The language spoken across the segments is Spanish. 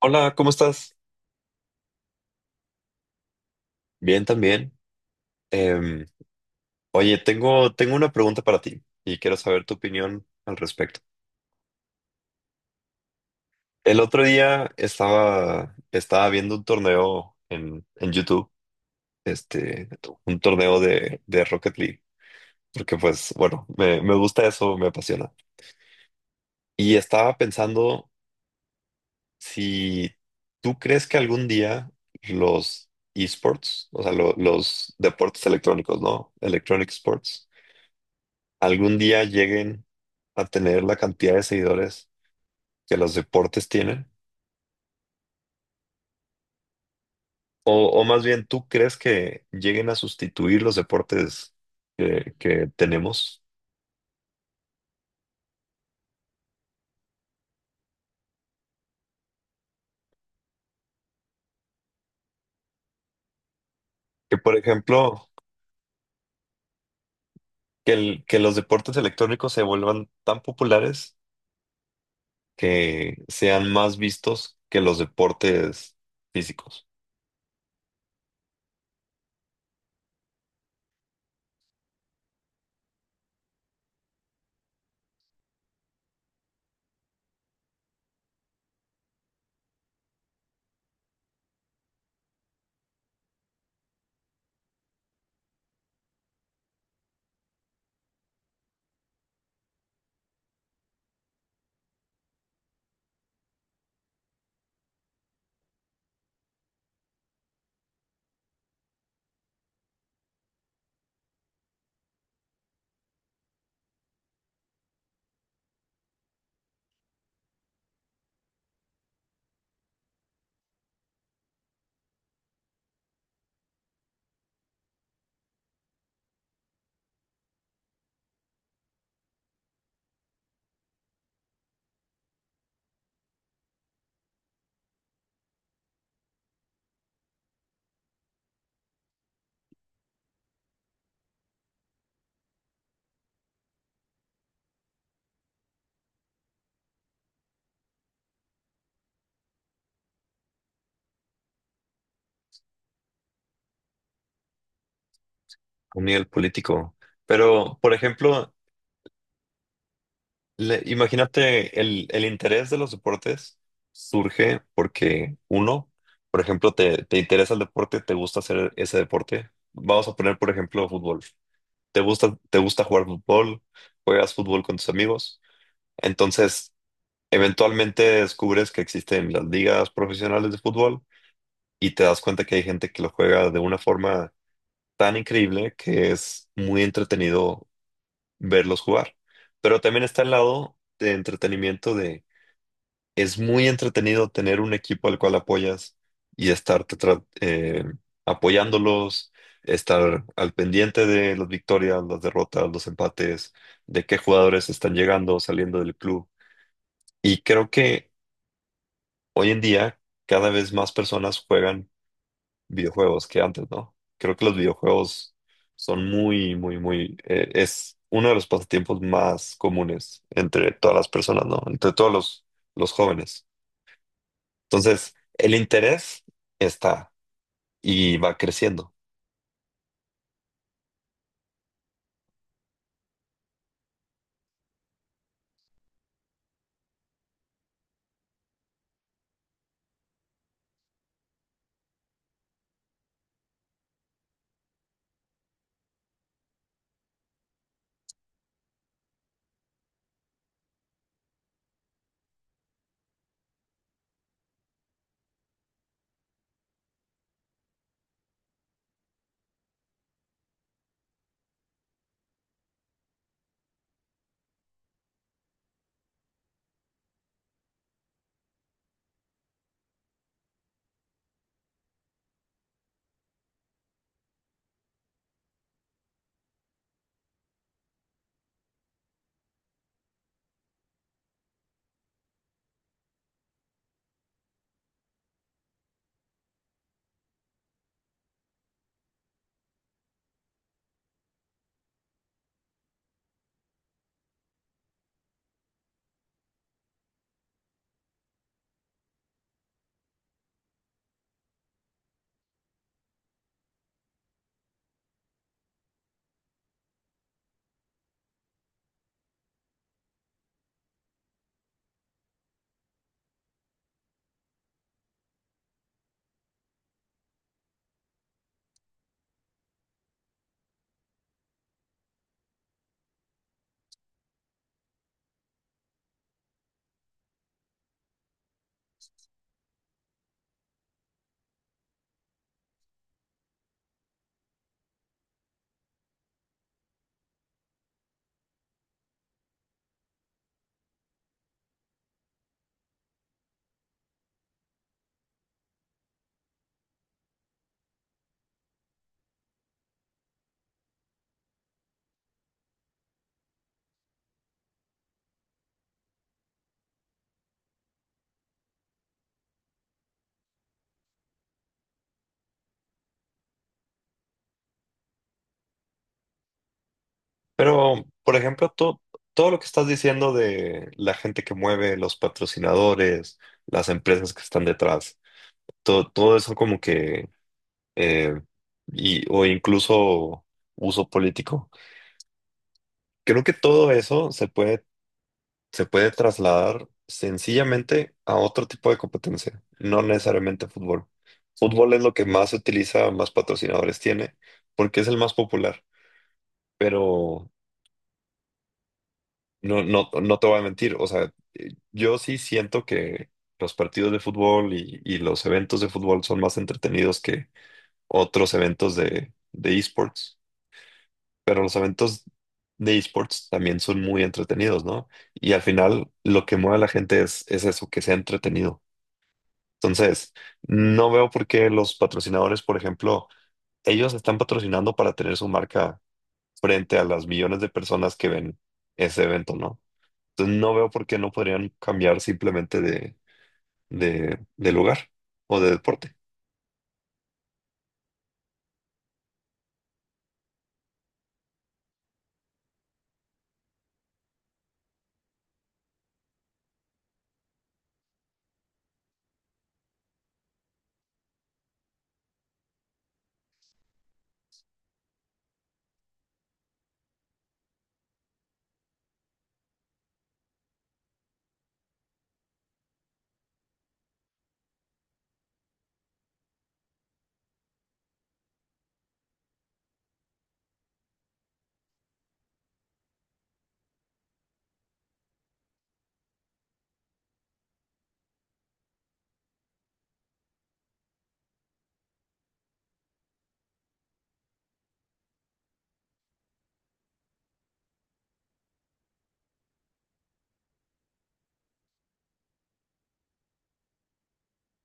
Hola, ¿cómo estás? Bien, también. Em, oye, tengo una pregunta para ti y quiero saber tu opinión al respecto. El otro día estaba viendo un torneo en YouTube, este, un torneo de Rocket League, porque pues, bueno, me gusta eso, me apasiona. Y estaba pensando si tú crees que algún día los esports, o sea, los deportes electrónicos, ¿no? Electronic sports algún día lleguen a tener la cantidad de seguidores que los deportes tienen. O más bien, ¿tú crees que lleguen a sustituir los deportes que tenemos? Que, por ejemplo, que los deportes electrónicos se vuelvan tan populares que sean más vistos que los deportes físicos a nivel político. Pero, por ejemplo, imagínate, el interés de los deportes surge porque uno, por ejemplo, te interesa el deporte, te gusta hacer ese deporte. Vamos a poner, por ejemplo, fútbol. Te gusta jugar fútbol, juegas fútbol con tus amigos. Entonces, eventualmente descubres que existen las ligas profesionales de fútbol y te das cuenta que hay gente que lo juega de una forma tan increíble que es muy entretenido verlos jugar. Pero también está el lado de entretenimiento de. Es muy entretenido tener un equipo al cual apoyas y estar apoyándolos, estar al pendiente de las victorias, las derrotas, los empates, de qué jugadores están llegando, saliendo del club. Y creo que hoy en día cada vez más personas juegan videojuegos que antes, ¿no? Creo que los videojuegos son muy, muy, es uno de los pasatiempos más comunes entre todas las personas, ¿no? Entre los jóvenes. Entonces, el interés está y va creciendo. Pero, por ejemplo, tú, todo lo que estás diciendo de la gente que mueve, los patrocinadores, las empresas que están detrás, todo eso como que, eh, o incluso uso político. Creo que todo eso se puede trasladar sencillamente a otro tipo de competencia, no necesariamente fútbol. Fútbol es lo que más se utiliza, más patrocinadores tiene, porque es el más popular. Pero no, no, no te voy a mentir, o sea, yo sí siento que los partidos de fútbol y los eventos de fútbol son más entretenidos que otros eventos de esports, pero los eventos de esports también son muy entretenidos, ¿no? Y al final lo que mueve a la gente es eso, que sea entretenido. Entonces, no veo por qué los patrocinadores, por ejemplo, ellos están patrocinando para tener su marca frente a las millones de personas que ven ese evento, ¿no? Entonces no veo por qué no podrían cambiar simplemente de lugar o de deporte.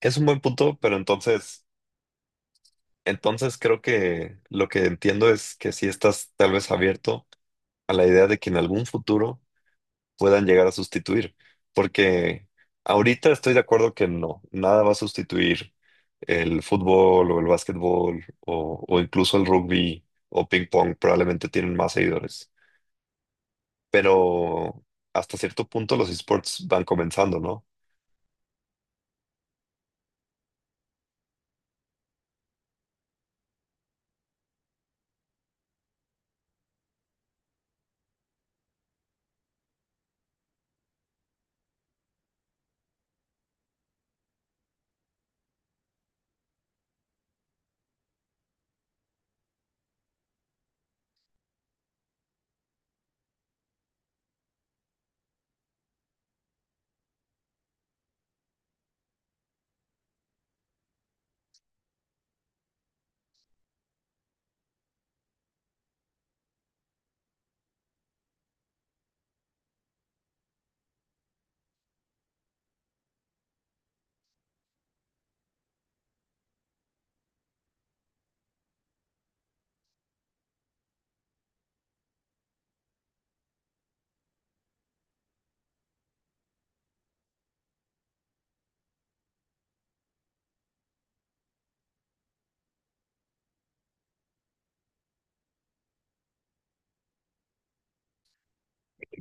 Es un buen punto, pero entonces creo que lo que entiendo es que si estás tal vez abierto a la idea de que en algún futuro puedan llegar a sustituir, porque ahorita estoy de acuerdo que no, nada va a sustituir el fútbol o el básquetbol o incluso el rugby o ping pong, probablemente tienen más seguidores. Pero hasta cierto punto los esports van comenzando, ¿no?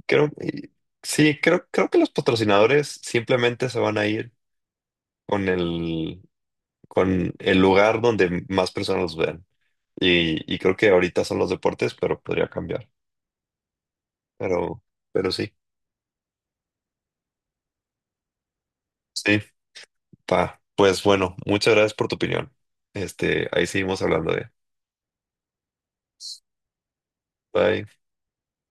Creo, y- sí, creo que los patrocinadores simplemente se van a ir con el, con el lugar donde más personas los vean. Y creo que ahorita son los deportes, pero podría cambiar. Pero, pero sí, sí, pa. Pues bueno, muchas gracias por tu opinión. Este, ahí seguimos hablando de. Bye.